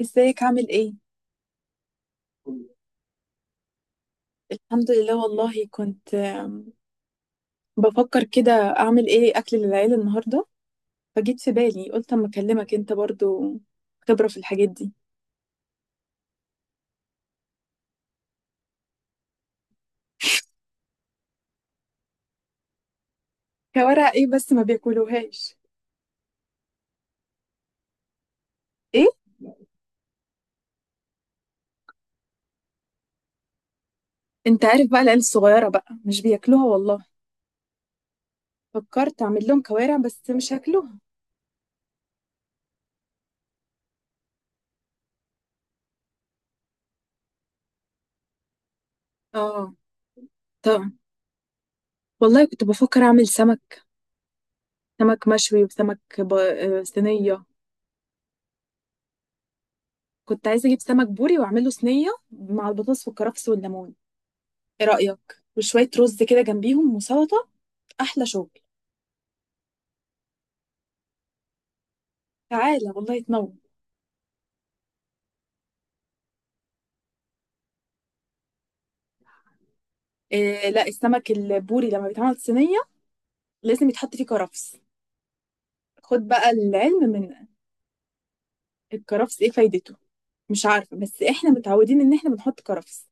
ازيك عامل ايه؟ الحمد لله والله. كنت بفكر كده اعمل ايه اكل للعيلة النهاردة. فجيت في بالي قلت اما اكلمك انت برضو خبرة في الحاجات دي. كوارع ايه بس ما بياكلوهاش. ايه؟ انت عارف بقى العيال الصغيرة بقى مش بياكلوها والله. فكرت اعمل لهم كوارع بس مش هاكلوها. اه. طبعا. والله كنت بفكر اعمل سمك. سمك مشوي وسمك ب... آه، صينية. كنت عايزة اجيب سمك بوري واعمله صينية مع البطاطس والكرفس والليمون. ايه رأيك وشوية رز كده جنبيهم وسلطة. أحلى شغل. تعالى والله تنور. إيه، لا السمك البوري لما بيتعمل صينية لازم يتحط فيه كرفس. خد بقى العلم من. الكرفس ايه فايدته. مش عارفة بس احنا متعودين ان احنا بنحط كرفس.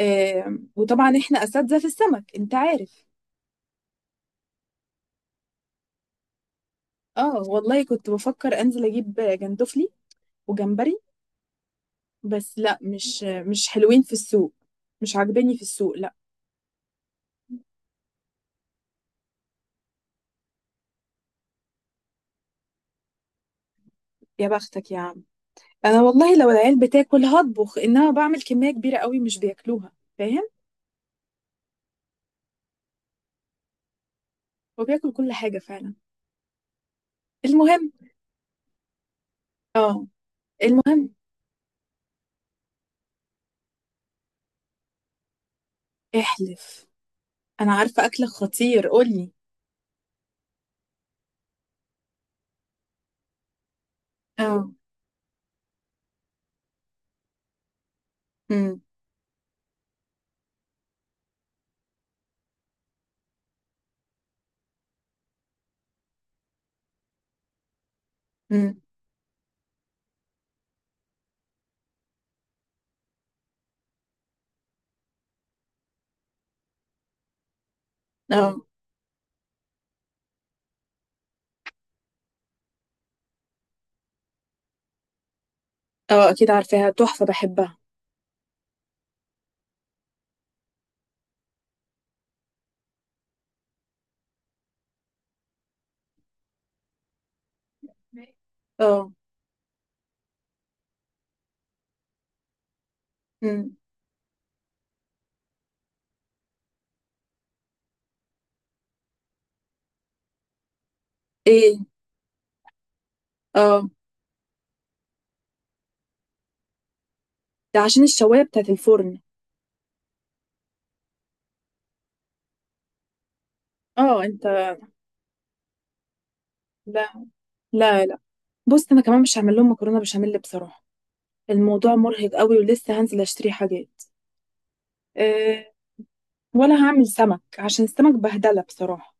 إيه. وطبعا احنا أساتذة في السمك انت عارف. اه والله كنت بفكر انزل اجيب جندفلي وجمبري. بس لا، مش حلوين في السوق. مش عاجباني في السوق لا. يا بختك يا عم. انا والله لو العيال بتاكل هطبخ، انما بعمل كميه كبيره قوي مش بياكلوها. فاهم. وبياكل كل حاجه فعلا. المهم. اه. المهم. احلف. انا عارفه اكلك خطير قولي. اه. امم. امم. اه. اه اكيد عارفاها تحفه بحبها. اه. امم. ايه. اه. ده عشان الشوايه بتاعت الفرن. اه انت، لا، لا، لا. بص انا كمان مش هعمل لهم مكرونه بشاميل بصراحه. الموضوع مرهق قوي ولسه هنزل اشتري حاجات. آه. ولا هعمل سمك عشان السمك بهدلة بصراحة.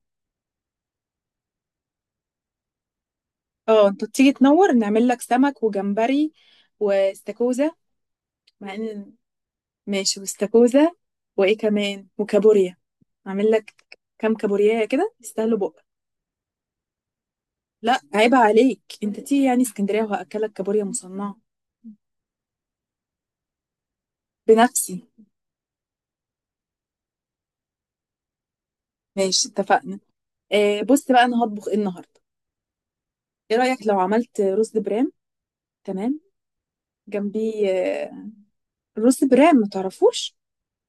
اه انت تيجي تنور نعمل لك سمك وجمبري واستاكوزا. مع ان، ماشي واستاكوزا. وايه كمان وكابوريا. اعمل لك. كام كابوريا كده يستاهلوا بقى. لا عيب عليك، انت تيجي يعني اسكندرية وهأكلك كابوريا مصنعة. بنفسي. ماشي اتفقنا. آه بص بقى انا هطبخ ايه النهارده. ايه رأيك لو عملت رز برام؟ تمام. جنبيه. رز برام ما تعرفوش؟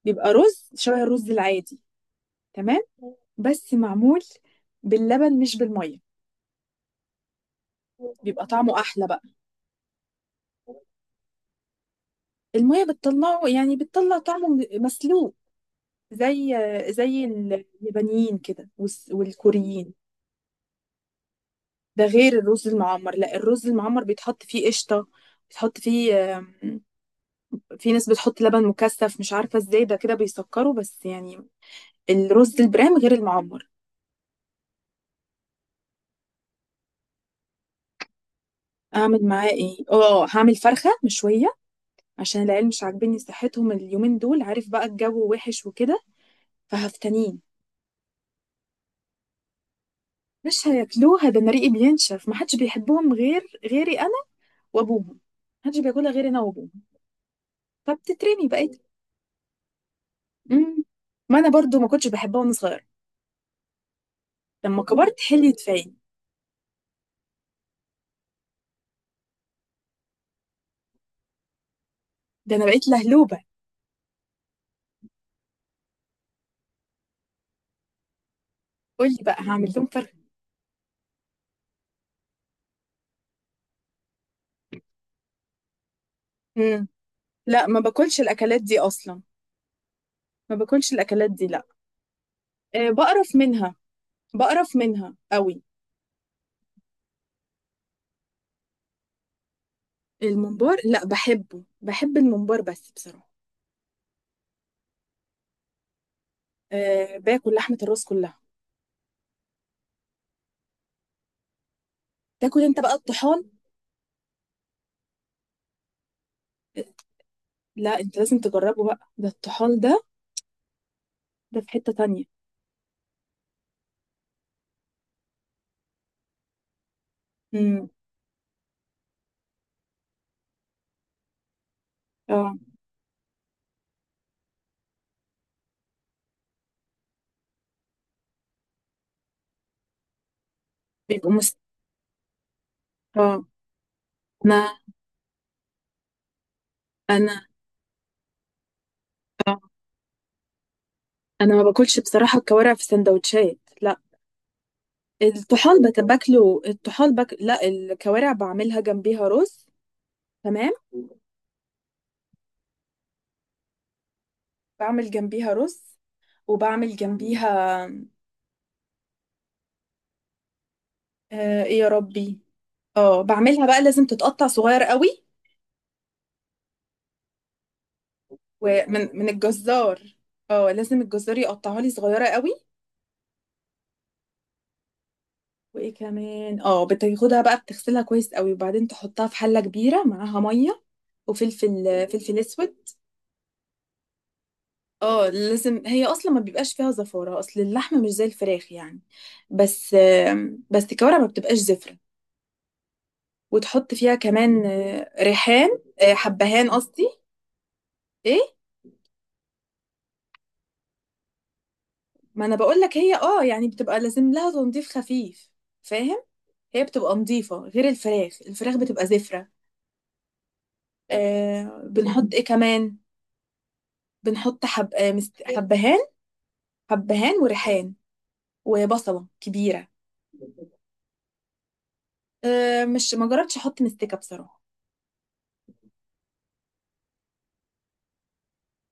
بيبقى رز شبه الرز العادي. تمام. بس معمول باللبن مش بالميه. بيبقى طعمه احلى بقى. الميه بتطلعه، يعني بتطلع طعمه مسلوق. زي زي اليابانيين كده والكوريين. ده غير الرز المعمر، لا الرز المعمر بيتحط فيه قشطه. بتحط فيه في ناس بتحط لبن مكثف مش عارفه ازاي ده كده بيسكره بس يعني. الرز البرام غير المعمر. اعمل معاه ايه، اه هعمل فرخه مشويه عشان العيال مش عاجبني صحتهم اليومين دول، عارف بقى الجو وحش وكده. فهفتنين. مش هياكلوها، ده انا ريقي بينشف، ما حدش بيحبهم غير غيري انا وابوهم. ما حدش بياكلها غير انا وابوهم. فبتترمي بقيت. امم. ما انا برضو ما كنتش بحبها وانا صغيره، لما كبرت حليت فيا. ده انا بقيت لهلوبه. قول لي بقى هعمل لهم فرخه. امم. لا ما باكلش الاكلات دي اصلا. ما باكلش الاكلات دي لا. أه بقرف منها. بقرف منها قوي. الممبار لا بحبه، بحب الممبار بس بصراحه. أه باكل لحمه الراس كلها. تاكل انت بقى الطحال. لا انت لازم تجربه بقى ده الطحال ده. ده في حتة تانية. امم. اه بيبقوا مست اه. انا انا اه انا ما باكلش بصراحة الكوارع في سندوتشات لا. الطحال باكله الطحال لا الكوارع بعملها جنبيها رز. تمام. بعمل جنبيها رز. وبعمل جنبيها. آه ايه يا ربي. اه بعملها بقى لازم تتقطع صغير قوي. ومن الجزار. اه لازم الجزار يقطعها لي صغيرة قوي. وايه كمان، اه بتاخدها بقى بتغسلها كويس قوي وبعدين تحطها في حله كبيره معاها ميه، وفلفل اسود. اه لازم هي اصلا ما بيبقاش فيها زفاره، اصل اللحمه مش زي الفراخ يعني. بس الكوارع ما بتبقاش زفره. وتحط فيها كمان ريحان. حبهان قصدي. ايه. ما انا بقول لك، هي يعني بتبقى لازم لها تنظيف خفيف. فاهم. هي بتبقى نظيفه غير الفراخ بتبقى زفره. آه بنحط ايه كمان. بنحط حبهان. حبهان وريحان. وبصلة كبيرة. أه مش ما جربتش احط مستكة بصراحة.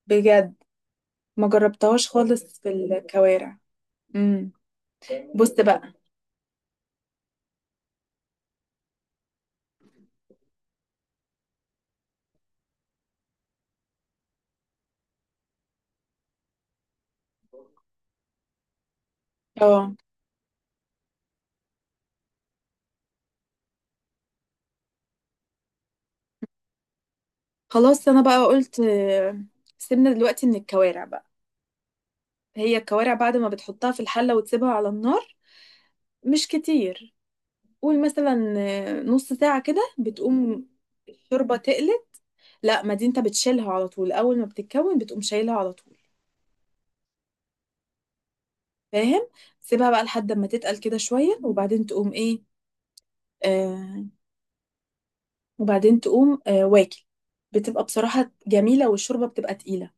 بجد، ما جربتهاش خالص في الكوارع. امم. بص بقى. اه خلاص انا بقى قلت سيبنا دلوقتي من الكوارع بقى. هي الكوارع بعد ما بتحطها في الحلة وتسيبها على النار مش كتير، قول مثلا نص ساعة كده بتقوم الشوربة تقلت. لا ما دي انت بتشيلها على طول، اول ما بتتكون بتقوم شايلها على طول. فاهم. سيبها بقى لحد ما تتقل كده شوية وبعدين تقوم ايه. آه. وبعدين تقوم واكل. بتبقى بصراحة جميلة والشوربة بتبقى تقيلة.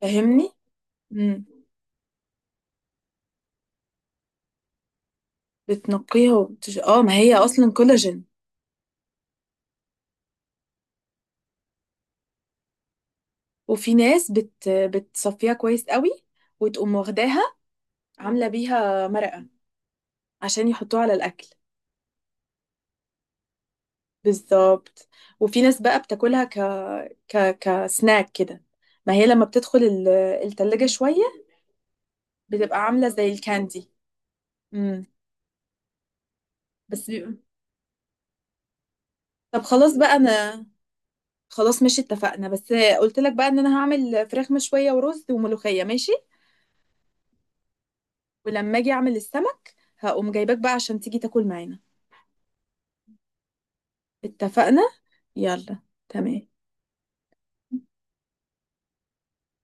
فاهمني؟ مم. اه ما هي أصلا كولاجين. وفي ناس بتصفيها كويس قوي وتقوم واخداها عاملة بيها مرقة عشان يحطوها على الأكل. بالظبط. وفي ناس بقى بتاكلها كسناك كده. ما هي لما بتدخل التلاجة شوية بتبقى عاملة زي الكاندي. مم. بس بيبقى- طب خلاص بقى أنا. خلاص ماشي اتفقنا. بس قلت لك بقى ان انا هعمل فراخ مشوية ورز وملوخية، ماشي. ولما اجي اعمل السمك هقوم جايباك بقى عشان تيجي تاكل معانا. اتفقنا. يلا. تمام.